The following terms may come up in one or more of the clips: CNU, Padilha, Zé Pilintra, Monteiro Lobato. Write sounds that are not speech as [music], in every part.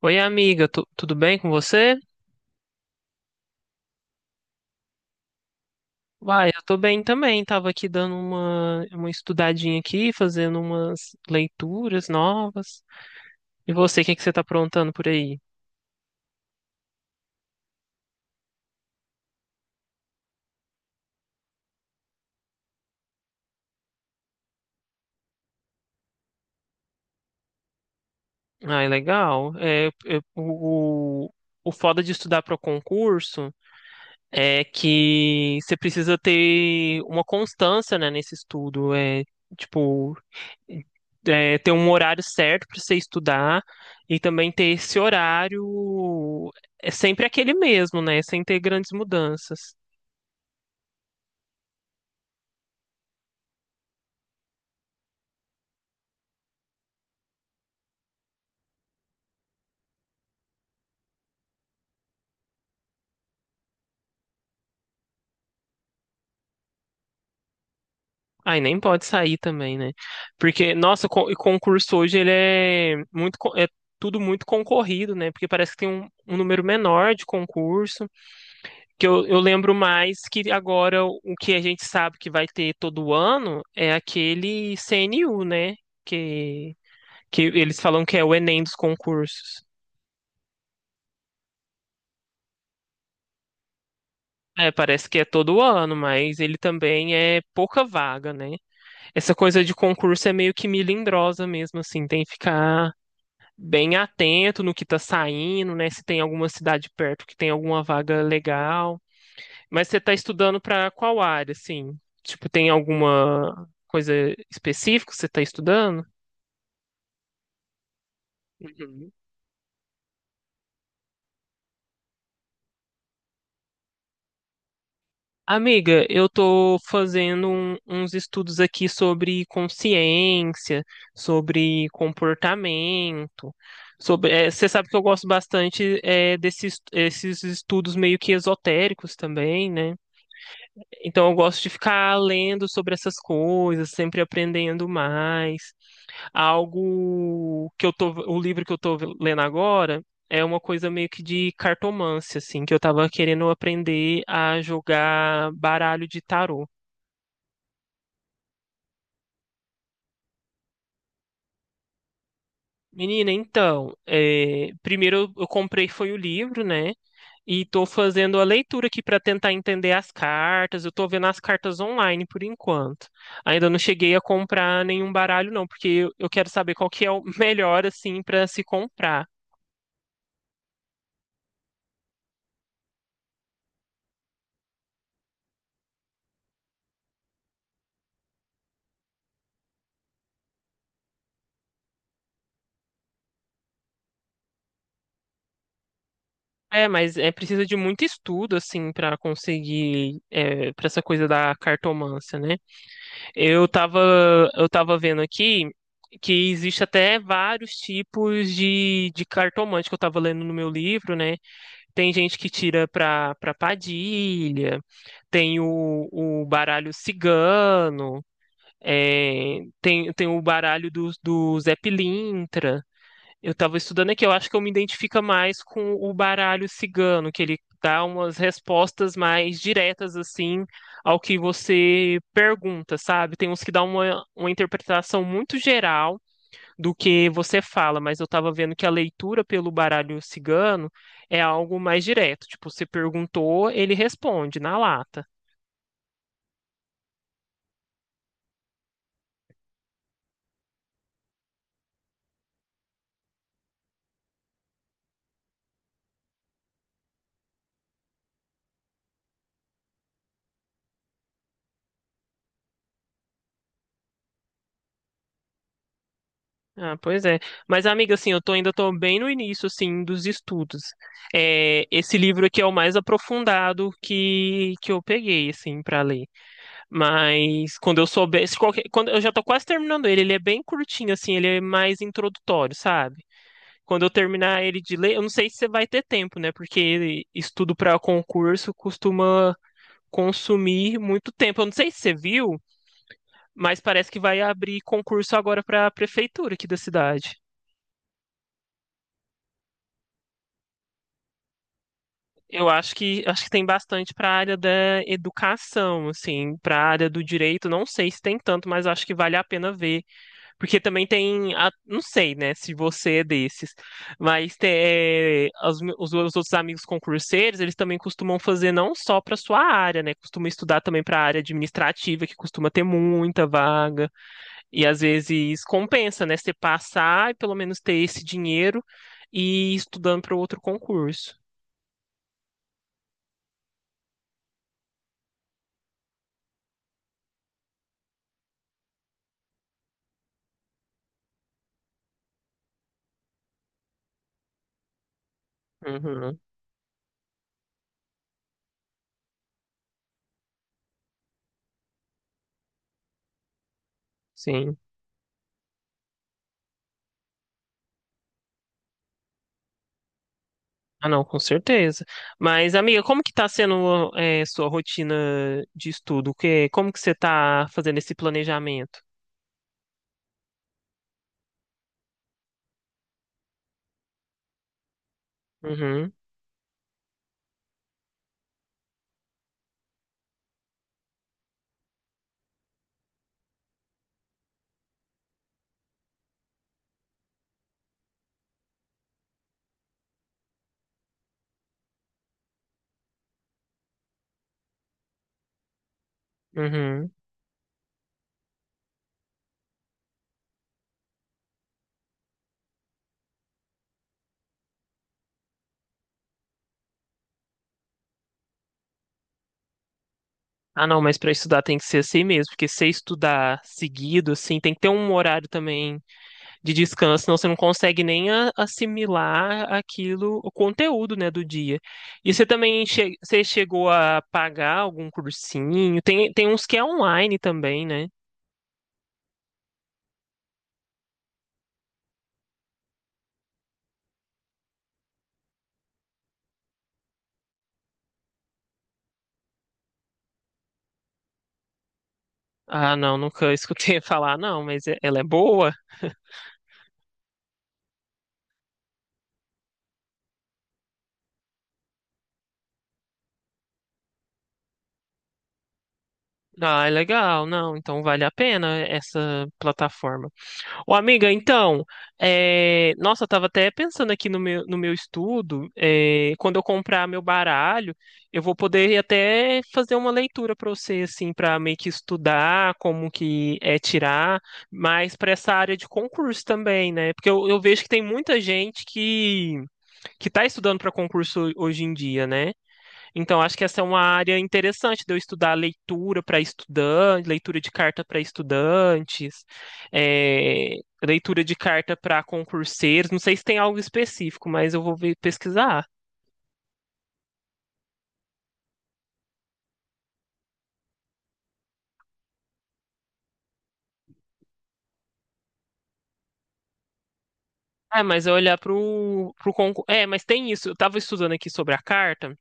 Oi, amiga, tudo bem com você? Uai, eu tô bem também. Tava aqui dando uma estudadinha aqui, fazendo umas leituras novas. E você, o que que você tá aprontando por aí? Ai, legal. O foda de estudar para concurso é que você precisa ter uma constância, né, nesse estudo. Tipo, Ter um horário certo para você estudar e também ter esse horário é sempre aquele mesmo, né? Sem ter grandes mudanças. Aí nem pode sair também, né? Porque, nossa, o concurso hoje ele é tudo muito concorrido, né? Porque parece que tem um número menor de concurso, que eu lembro mais que agora o que a gente sabe que vai ter todo ano é aquele CNU, né? Que, que eles falam que é o Enem dos concursos. É, parece que é todo ano, mas ele também é pouca vaga, né? Essa coisa de concurso é meio que melindrosa mesmo, assim, tem que ficar bem atento no que tá saindo, né? Se tem alguma cidade perto que tem alguma vaga legal. Mas você tá estudando pra qual área, assim? Tipo, tem alguma coisa específica que você tá estudando? Uhum. Amiga, eu tô fazendo uns estudos aqui sobre consciência, sobre comportamento, sobre, você sabe que eu gosto bastante desses esses estudos meio que esotéricos também, né? Então eu gosto de ficar lendo sobre essas coisas, sempre aprendendo mais algo que eu tô, o livro que eu tô lendo agora é uma coisa meio que de cartomância, assim, que eu tava querendo aprender a jogar baralho de tarô. Menina, então, é, primeiro eu comprei foi o livro, né? E tô fazendo a leitura aqui para tentar entender as cartas. Eu tô vendo as cartas online por enquanto. Ainda não cheguei a comprar nenhum baralho, não, porque eu quero saber qual que é o [laughs] melhor, assim, para se comprar. É, mas é precisa de muito estudo, assim, para conseguir é, para essa coisa da cartomância, né? Eu tava, eu tava vendo aqui que existe até vários tipos de cartomante que eu tava lendo no meu livro, né? Tem gente que tira pra Padilha, tem o baralho cigano, é, tem o baralho do Zé Pilintra. Eu tava estudando aqui, eu acho que eu me identifico mais com o baralho cigano, que ele dá umas respostas mais diretas, assim, ao que você pergunta, sabe? Tem uns que dá uma interpretação muito geral do que você fala, mas eu tava vendo que a leitura pelo baralho cigano é algo mais direto. Tipo, você perguntou, ele responde na lata. Ah, pois é. Mas, amiga, assim, eu tô, ainda tô bem no início, assim, dos estudos. É, esse livro aqui é o mais aprofundado que eu peguei, assim, pra ler. Mas quando eu souber, se qualquer, quando eu já tô quase terminando ele, ele é bem curtinho, assim, ele é mais introdutório, sabe? Quando eu terminar ele de ler, eu não sei se você vai ter tempo, né? Porque estudo pra concurso costuma consumir muito tempo. Eu não sei se você viu, mas parece que vai abrir concurso agora pra prefeitura aqui da cidade. Eu acho que tem bastante para a área da educação, assim, para a área do direito, não sei se tem tanto, mas acho que vale a pena ver, porque também tem, não sei, né, se você é desses, mas meus outros amigos concurseiros, eles também costumam fazer não só para sua área, né, costumam estudar também para a área administrativa, que costuma ter muita vaga, e às vezes compensa, né, você passar e pelo menos ter esse dinheiro e ir estudando para outro concurso. Uhum, sim. Ah, não, com certeza. Mas, amiga, como que tá sendo é, sua rotina de estudo? Que, como que você tá fazendo esse planejamento? Uhum, uhum. Ah, não, mas para estudar tem que ser assim mesmo, porque se estudar seguido, assim, tem que ter um horário também de descanso, senão você não consegue nem assimilar aquilo, o conteúdo, né, do dia. E você também você chegou a pagar algum cursinho? Tem uns que é online também, né? Ah, não, nunca escutei [laughs] falar, não, mas ela é boa? Ah, é legal, não, então vale a pena essa plataforma. Ô, amiga, então, é, nossa, eu tava até pensando aqui no no meu estudo, é, quando eu comprar meu baralho, eu vou poder até fazer uma leitura para você, assim, para meio que estudar como que é tirar, mas para essa área de concurso também, né? Porque eu vejo que tem muita gente que tá estudando para concurso hoje em dia, né? Então, acho que essa é uma área interessante de eu estudar leitura para estudantes, leitura de carta para estudantes, eh, leitura de carta para concurseiros. Não sei se tem algo específico, mas eu vou pesquisar. Ah, mas eu olhar para o concurso. É, mas tem isso. Eu estava estudando aqui sobre a carta,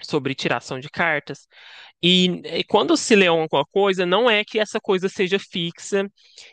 sobre tiração de cartas, E, e quando se lê alguma coisa, não é que essa coisa seja fixa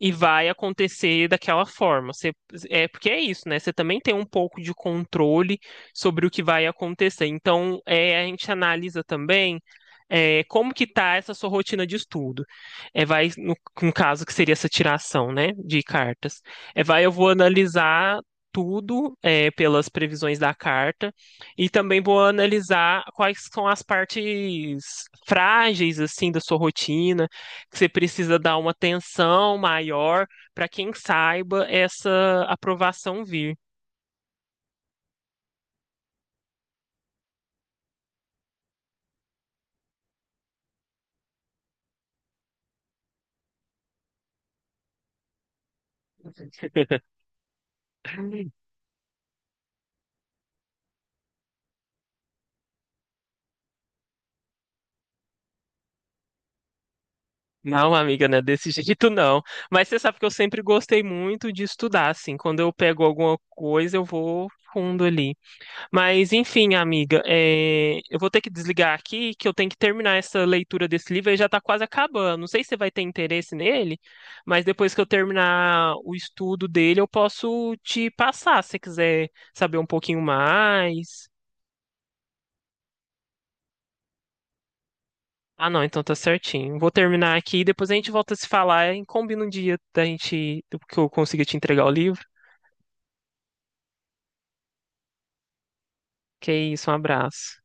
e vai acontecer daquela forma. É porque é isso, né? Você também tem um pouco de controle sobre o que vai acontecer. Então, é, a gente analisa também é, como que tá essa sua rotina de estudo. É, vai, no, no caso que seria essa tiração, né, de cartas. É, vai, eu vou analisar tudo é, pelas previsões da carta e também vou analisar quais são as partes frágeis assim da sua rotina, que você precisa dar uma atenção maior para quem saiba essa aprovação vir. Não, amiga, não é desse [laughs] jeito não. Mas você sabe que eu sempre gostei muito de estudar, assim, quando eu pego alguma coisa, eu vou fundo ali. Mas enfim, amiga, é, eu vou ter que desligar aqui, que eu tenho que terminar essa leitura desse livro, ele já está quase acabando. Não sei se você vai ter interesse nele, mas depois que eu terminar o estudo dele, eu posso te passar, se você quiser saber um pouquinho mais. Ah, não, então tá certinho. Vou terminar aqui e depois a gente volta a se falar e combina um dia da gente, que eu consiga te entregar o livro. Que é isso, um abraço.